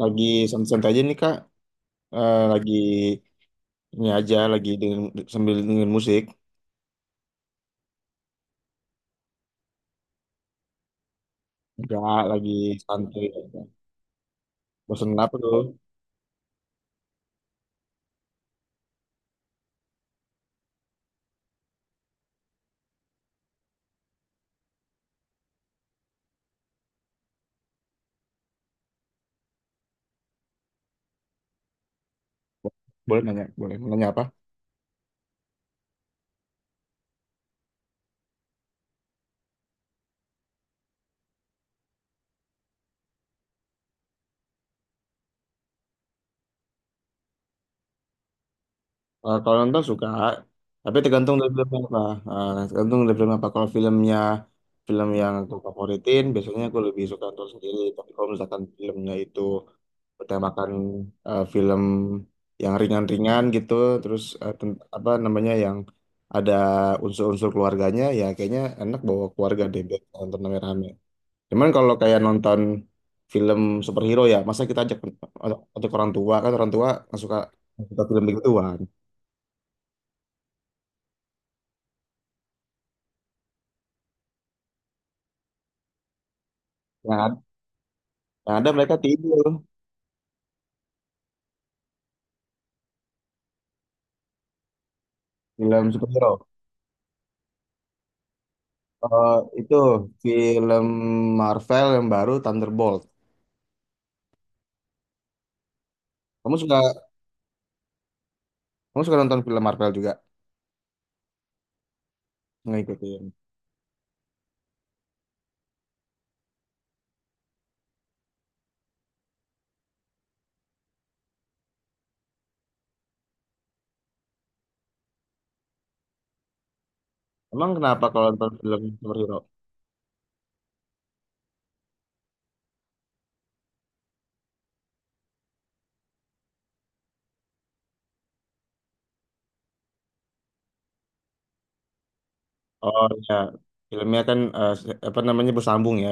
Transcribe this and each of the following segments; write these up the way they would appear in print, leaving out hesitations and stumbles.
Lagi santai-santai aja nih Kak. Lagi ini aja, sambil dengerin musik. Enggak, lagi santai aja. Bosan apa tuh? Boleh nanya, boleh. Mau nanya apa? Kalau nonton suka, tapi tergantung dari film apa. Tergantung dari film apa. Kalau filmnya film yang aku favoritin, biasanya aku lebih suka nonton sendiri. Tapi kalau misalkan filmnya itu utamakan film yang ringan-ringan gitu, terus apa namanya, yang ada unsur-unsur keluarganya, ya kayaknya enak bawa keluarga deh biar nonton rame-rame. Cuman kalau kayak nonton film superhero, ya masa kita ajak untuk orang tua? Kan orang tua nggak suka, nggak suka film begituan. yang, ad- yang ada mereka tidur. Film superhero. Eh, itu film Marvel yang baru, Thunderbolt. Kamu suka, kamu suka nonton film Marvel juga? Ngikutin. Emang kenapa kalau nonton film superhero? Oh ya, filmnya kan apa namanya, bersambung ya.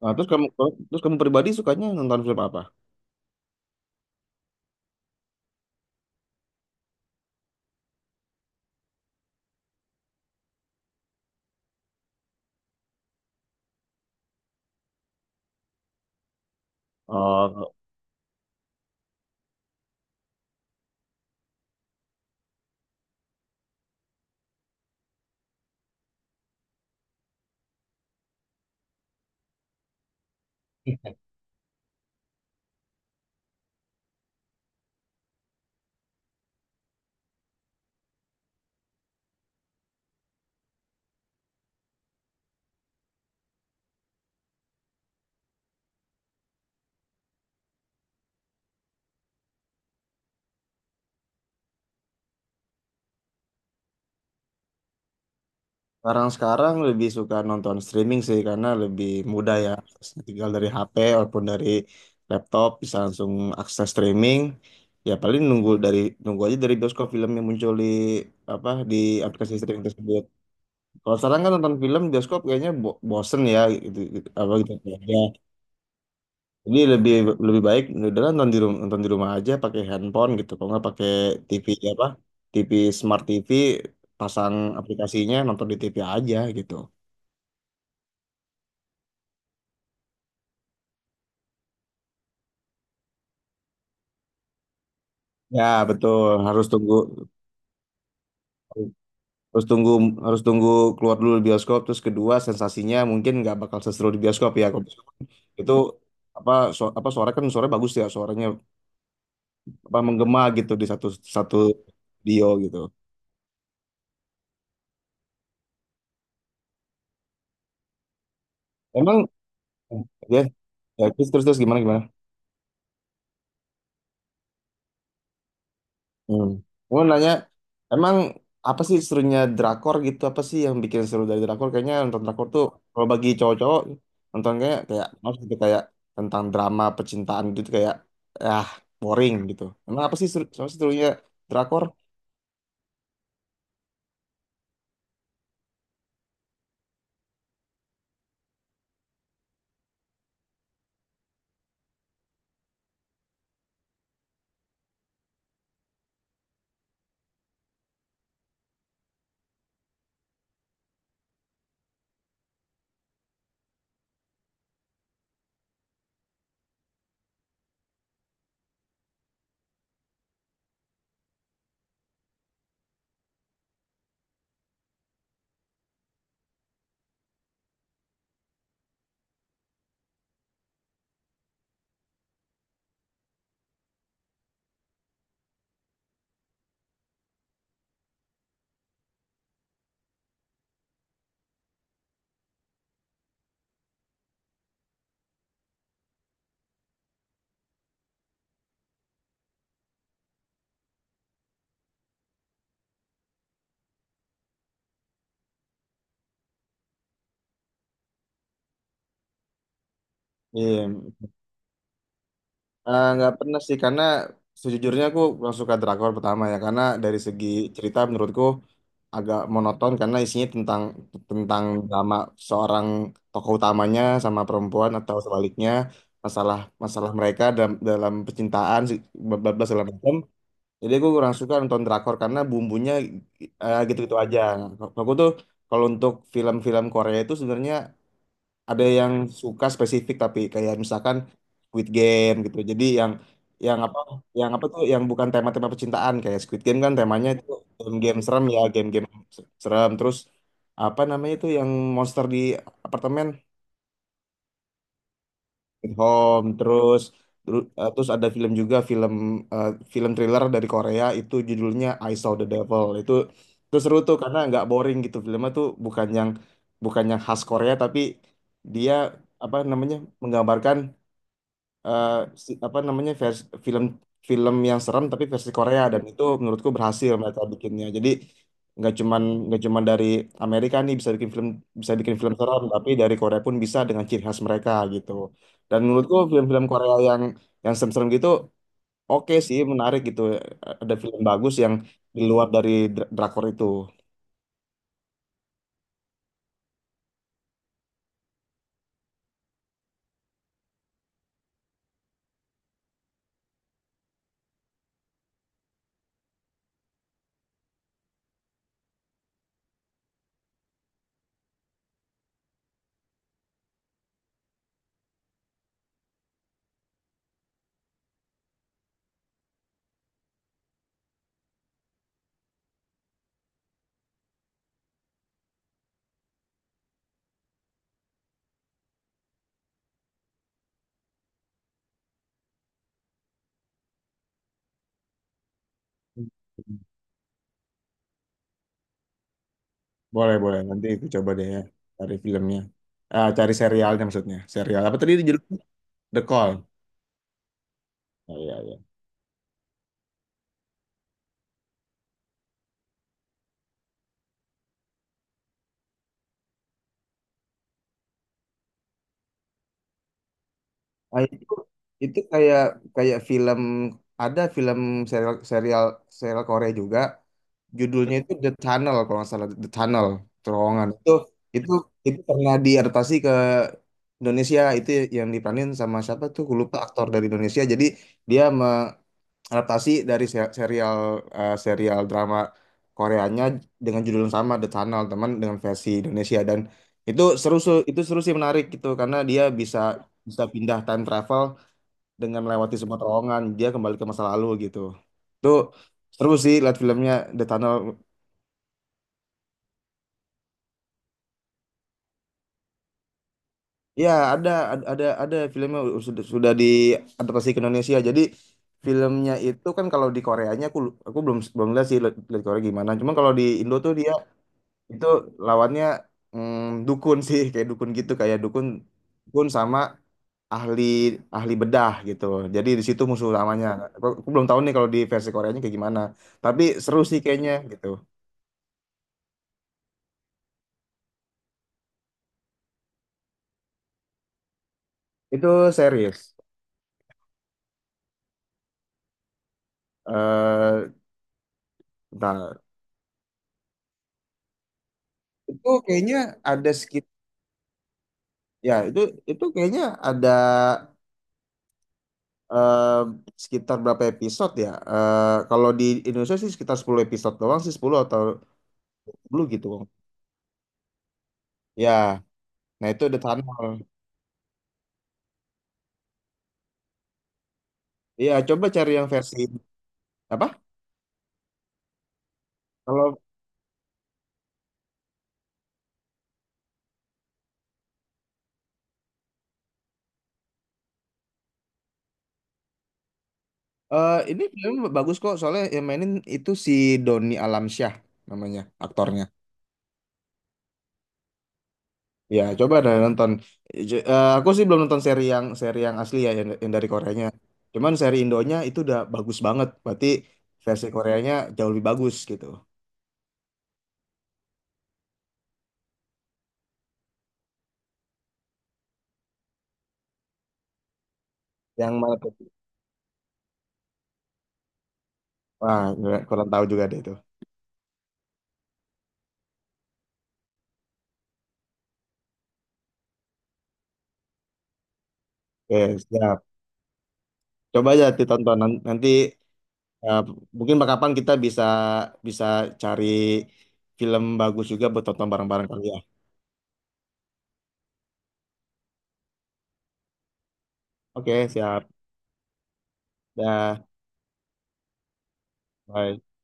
Nah, terus kamu pribadi sukanya nonton film apa? Oh, sekarang-sekarang lebih suka nonton streaming sih karena lebih mudah ya. Tinggal dari HP ataupun dari laptop bisa langsung akses streaming. Ya paling nunggu dari, nunggu aja dari bioskop film yang muncul di, apa, di aplikasi streaming tersebut. Kalau sekarang kan nonton film bioskop kayaknya bosen ya, gitu, gitu- apa gitu. Ya. Jadi lebih lebih baik udah nonton di rumah, nonton di rumah aja pakai handphone gitu. Kalau nggak pakai TV apa? TV, Smart TV, pasang aplikasinya, nonton di TV aja gitu. Ya betul, harus tunggu harus tunggu harus tunggu keluar dulu di bioskop. Terus kedua, sensasinya mungkin nggak bakal seseru di bioskop ya. Kalau bioskop itu apa, apa, suara, kan suara bagus ya suaranya, apa, menggema gitu di satu satu video gitu. Emang ya, ya terus, terus gimana gimana? Hmm. Mau nanya, emang apa sih serunya drakor gitu? Apa sih yang bikin seru dari drakor? Kayaknya nonton drakor tuh kalau bagi cowok-cowok nonton, kayak kayak harus gitu, kayak tentang drama percintaan gitu, kayak ah boring gitu. Emang apa sih seru, apa sih serunya drakor? Iya. Nggak pernah sih karena sejujurnya aku kurang suka drakor. Pertama ya karena dari segi cerita menurutku agak monoton, karena isinya tentang, tentang drama seorang tokoh utamanya sama perempuan atau sebaliknya, masalah, masalah mereka dalam, dalam percintaan, bablas segala macam. Jadi aku kurang suka nonton drakor karena bumbunya gitu-gitu aja. Aku tuh, kalau untuk film-film Korea itu sebenarnya ada yang suka spesifik, tapi kayak misalkan Squid Game gitu. Jadi yang, yang apa yang apa tuh, yang bukan tema-tema percintaan kayak Squid Game, kan temanya itu game-game serem ya, game-game serem. Terus apa namanya itu, yang monster di apartemen, Sweet Home. Terus terus ada film juga, film eh, film thriller dari Korea itu judulnya I Saw the Devil. Itu seru tuh karena nggak boring gitu. Filmnya tuh bukan yang, bukan yang khas Korea, tapi dia, apa namanya, menggambarkan eh, apa namanya, film, film yang serem tapi versi Korea, dan itu menurutku berhasil mereka bikinnya. Jadi nggak cuman, nggak cuman dari Amerika nih bisa bikin film, bisa bikin film serem, tapi dari Korea pun bisa, dengan ciri khas mereka gitu. Dan menurutku film-film Korea yang serem-serem gitu oke sih, menarik gitu. Ada film bagus yang di luar dari drakor itu. Boleh, boleh. Nanti aku coba deh ya cari filmnya. Ah, cari serialnya maksudnya. Serial apa tadi judulnya? The Call. Oh, iya, iya. Nah, itu kayak, kayak film, ada film serial, serial serial Korea juga, judulnya itu The Tunnel, kalau nggak salah, The Tunnel, terowongan. Itu, itu itu pernah diadaptasi ke Indonesia. Itu yang diperanin sama siapa tuh, gue lupa, aktor dari Indonesia. Jadi dia mengadaptasi dari serial, serial drama Koreanya dengan judul yang sama, The Tunnel, teman dengan versi Indonesia. Dan itu seru, itu seru sih, menarik gitu, karena dia bisa, bisa pindah time travel dengan melewati semua terowongan, dia kembali ke masa lalu gitu. Itu seru sih lihat filmnya, The Tunnel. Ya ada, filmnya, sudah diadaptasi ke Indonesia. Jadi filmnya itu kan, kalau di Koreanya aku belum, belum lihat sih, lihat, lihat Korea gimana. Cuman kalau di Indo tuh dia itu lawannya, mm, dukun sih, kayak dukun gitu, kayak dukun, dukun sama ahli, ahli bedah gitu, jadi di situ musuh utamanya. Aku belum tahu nih kalau di versi Koreanya kayak gimana, tapi seru sih kayaknya gitu. Itu series. Eh, bentar. Itu kayaknya ada ya, itu kayaknya ada eh, sekitar berapa episode ya? Eh, kalau di Indonesia sih sekitar 10 episode doang sih, 10 atau 10 gitu. Ya, nah itu The Tunnel. Iya, coba cari yang versi apa? Kalau ini film bagus kok, soalnya yang mainin itu si Doni Alamsyah namanya aktornya. Ya, coba deh nonton. Aku sih belum nonton seri yang, seri yang asli ya, yang dari Koreanya. Cuman seri Indonya itu udah bagus banget. Berarti versi Koreanya jauh lebih bagus gitu. Yang mana tuh? Wah, nggak- kurang tahu juga deh itu. Oke, siap. Coba aja ditonton nanti. eh, Mungkin kapan kita bisa, bisa cari film bagus juga buat tonton bareng-bareng kali ya. Oke, siap. Dah, bye.